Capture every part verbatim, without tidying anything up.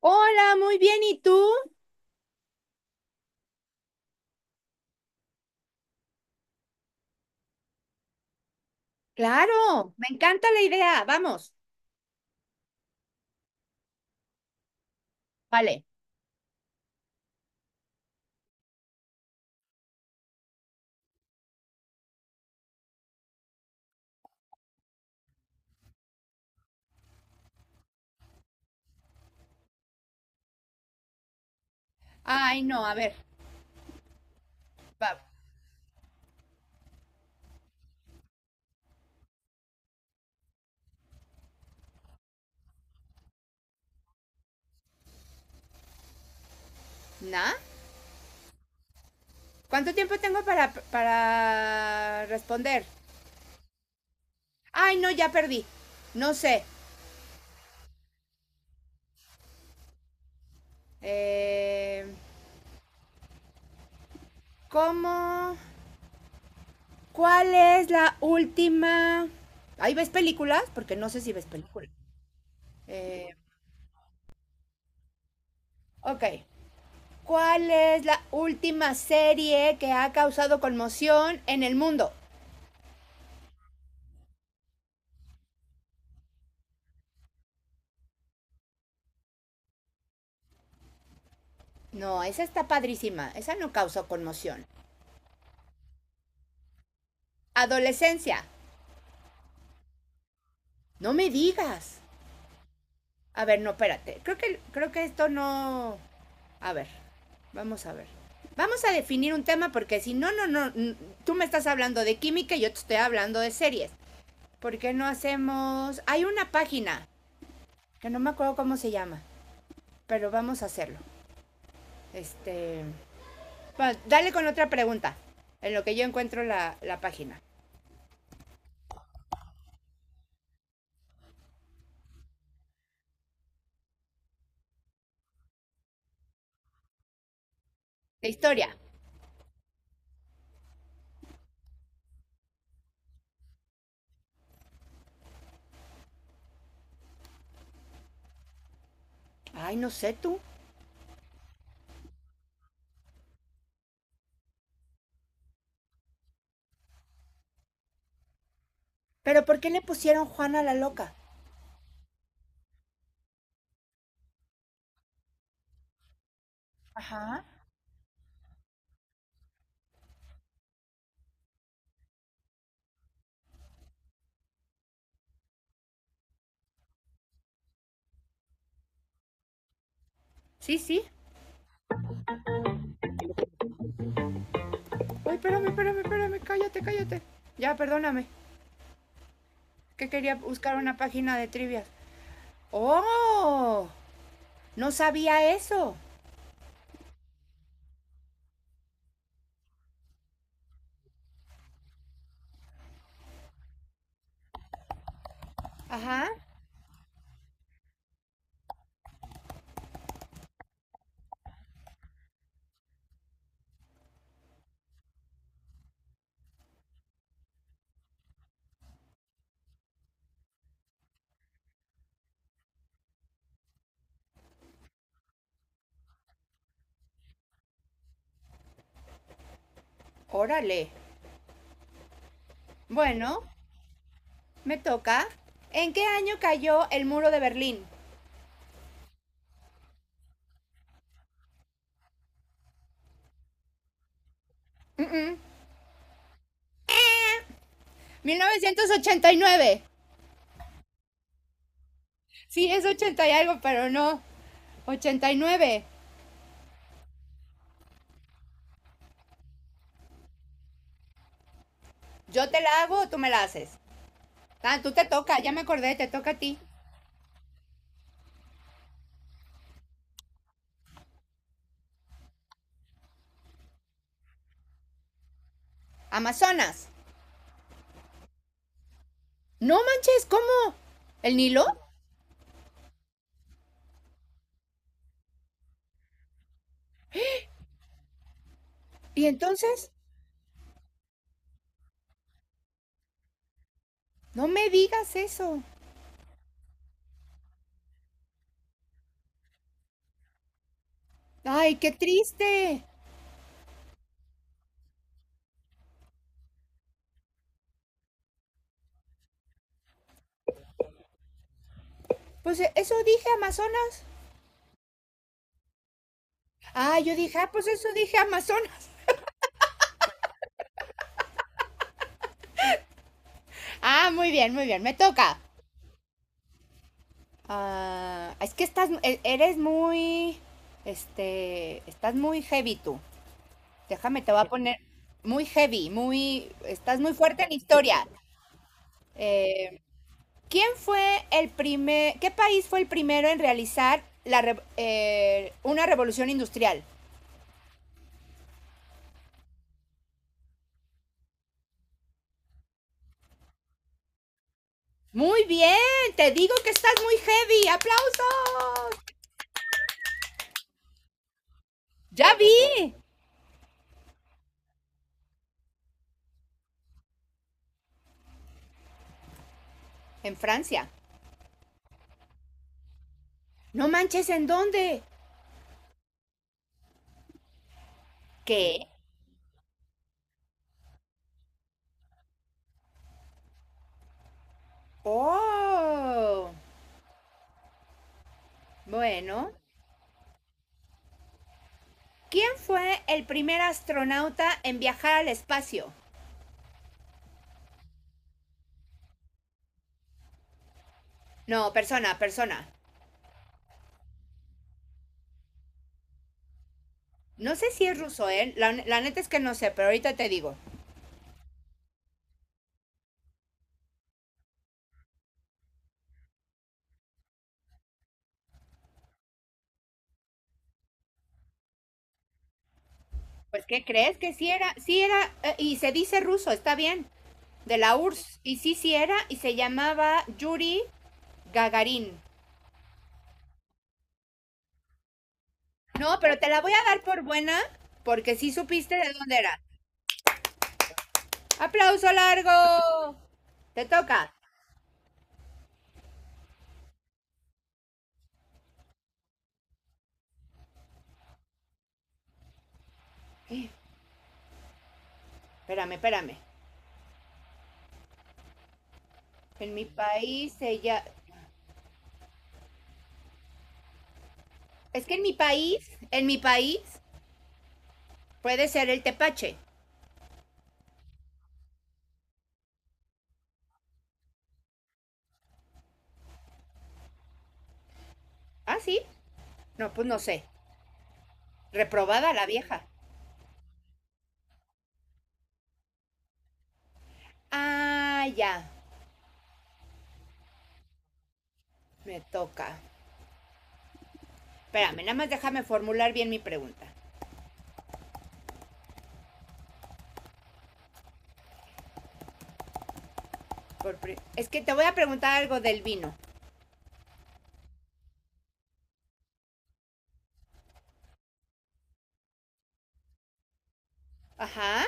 Hola, muy bien, ¿y tú? Claro, me encanta la idea, vamos. Vale. Ay, no, a ver, va- ¿na? ¿Cuánto tiempo tengo para, para responder? Ay, no, ya perdí. No sé. Eh, ¿cómo? ¿Cuál es la última? ¿Ahí ves películas? Porque no sé si ves películas. Eh, ok. ¿Cuál es la última serie que ha causado conmoción en el mundo? No, esa está padrísima. Esa no causó conmoción. Adolescencia. No me digas. A ver, no, espérate. Creo que, creo que esto no. A ver, vamos a ver. Vamos a definir un tema porque si no, no, no, tú me estás hablando de química y yo te estoy hablando de series. ¿Por qué no hacemos? Hay una página que no me acuerdo cómo se llama, pero vamos a hacerlo. Este... bueno, dale con otra pregunta, en lo que yo encuentro la, la página. La historia. Ay, no sé tú. ¿Pero por qué le pusieron Juana la Loca? Ajá. Sí, sí. Uy, espérame, espérame, espérame, cállate, cállate. Ya, perdóname, que quería buscar una página de trivias. ¡Oh! No sabía eso. Ajá. Órale. Bueno, me toca. ¿En qué año cayó el Muro de Berlín? Mm, mm, mil novecientos ochenta y nueve. Sí, es ochenta y algo, pero no. ochenta y nueve. ¿Yo te la hago o tú me la haces? Ah, tú te toca, ya me acordé, te toca a ti. Amazonas. No manches, ¿cómo? ¿El Nilo? ¿Y entonces? No me digas eso. Ay, qué triste. Pues eh, eso dije, Amazonas. Ah, yo dije, ah, pues eso dije, Amazonas. Ah, muy bien, muy bien, me toca. Ah, es que estás, e- eres muy, este, estás muy heavy tú. Déjame, te voy a poner muy heavy, muy, estás muy fuerte en historia. Eh, ¿Quién fue el primer, qué país fue el primero en realizar la, eh, una revolución industrial? Muy bien, te digo que estás muy heavy, aplausos. Ya vi. En Francia. No manches, ¿en dónde? ¿Qué? Oh. Bueno. ¿Quién fue el primer astronauta en viajar al espacio? No, persona, persona. No sé si es ruso, ¿eh? La, la neta es que no sé, pero ahorita te digo. Pues, ¿qué crees? Que sí era, sí era, eh, y se dice ruso, está bien, de la U R S S. Y sí, sí era, y se llamaba Yuri Gagarin. No, pero te la voy a dar por buena, porque sí supiste de dónde era. ¡Aplauso largo! Te toca. Eh, Espérame, espérame. En mi país ella. Es que en mi país, en mi país, puede ser el tepache. ¿Ah, sí? No, pues no sé. Reprobada la vieja. Ah, ya. Me toca. Espérame, nada más déjame formular bien mi pregunta. Es que te voy a preguntar algo del vino. Ajá.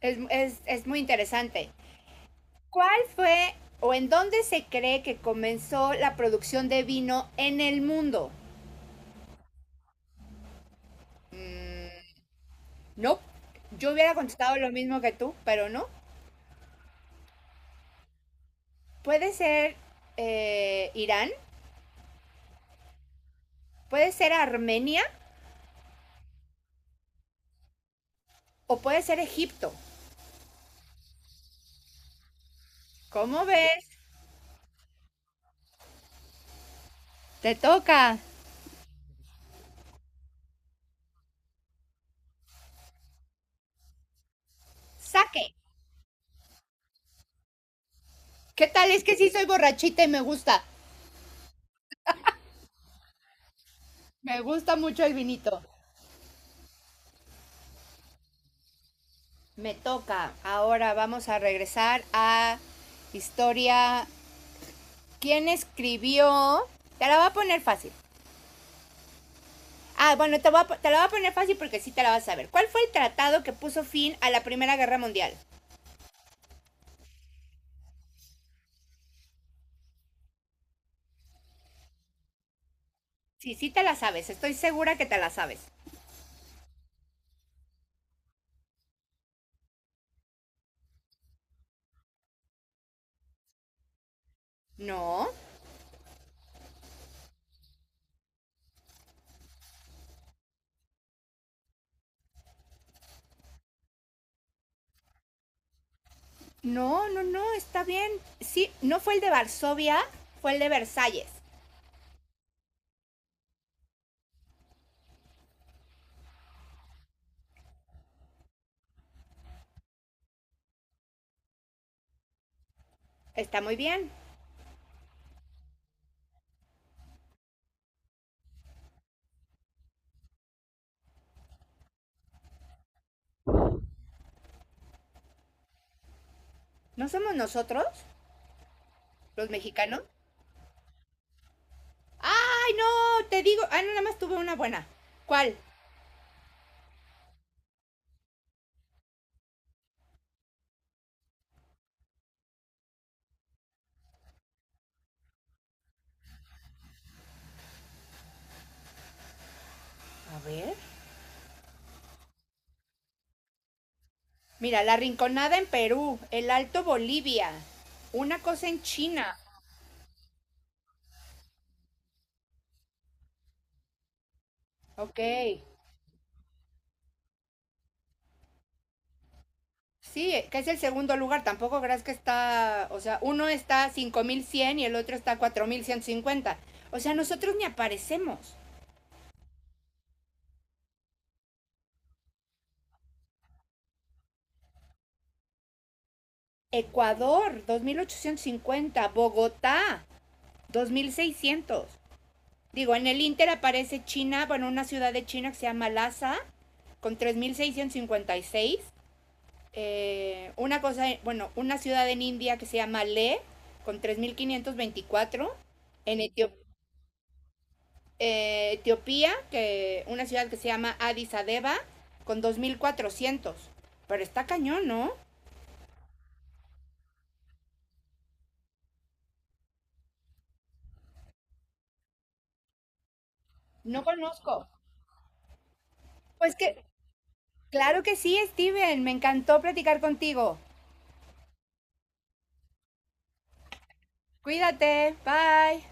Es, es- es muy interesante. ¿Cuál fue o en dónde se cree que comenzó la producción de vino en el mundo? No. Yo hubiera contestado lo mismo que tú, pero no. Puede ser eh, Irán, puede ser Armenia o puede ser Egipto. ¿Cómo ves? Te toca. Saque. ¿Qué tal? Es que sí soy borrachita y me gusta. Me gusta mucho el vinito. Me toca. Ahora vamos a regresar a historia. ¿Quién escribió? Te la voy a poner fácil. Ah, bueno, te, voy a te la voy a poner fácil porque sí te la vas a saber. ¿Cuál fue el tratado que puso fin a la Primera Guerra Mundial? Sí, sí te la sabes. Estoy segura que te la sabes. No, no, no, no, está bien. Sí, no fue el de Varsovia, fue el de Versalles. Está muy bien. ¿No somos nosotros, los mexicanos? ¡Ay, no! Te digo. Ah, no, nada más tuve una buena. ¿Cuál? A ver. Mira, La Rinconada en Perú, El Alto Bolivia, una cosa en China. Ok. Sí, que es el segundo lugar. Tampoco creas que está, o sea, uno está cinco mil cien y el otro está cuatro mil ciento cincuenta. O sea, nosotros ni aparecemos. Ecuador, dos mil ochocientos cincuenta. Bogotá, dos mil seiscientos. Digo, en el Inter aparece China, bueno, una ciudad de China que se llama Lhasa, con tres mil seiscientos cincuenta y seis. Eh, una cosa, bueno, una ciudad en India que se llama Leh, con tres mil quinientos veinticuatro. En Etiop- eh, Etiopía, que una ciudad que se llama Addis Abeba, con dos mil cuatrocientos. Pero está cañón, ¿no? No conozco. Pues que, claro que sí, Steven, me encantó platicar contigo. Cuídate, bye.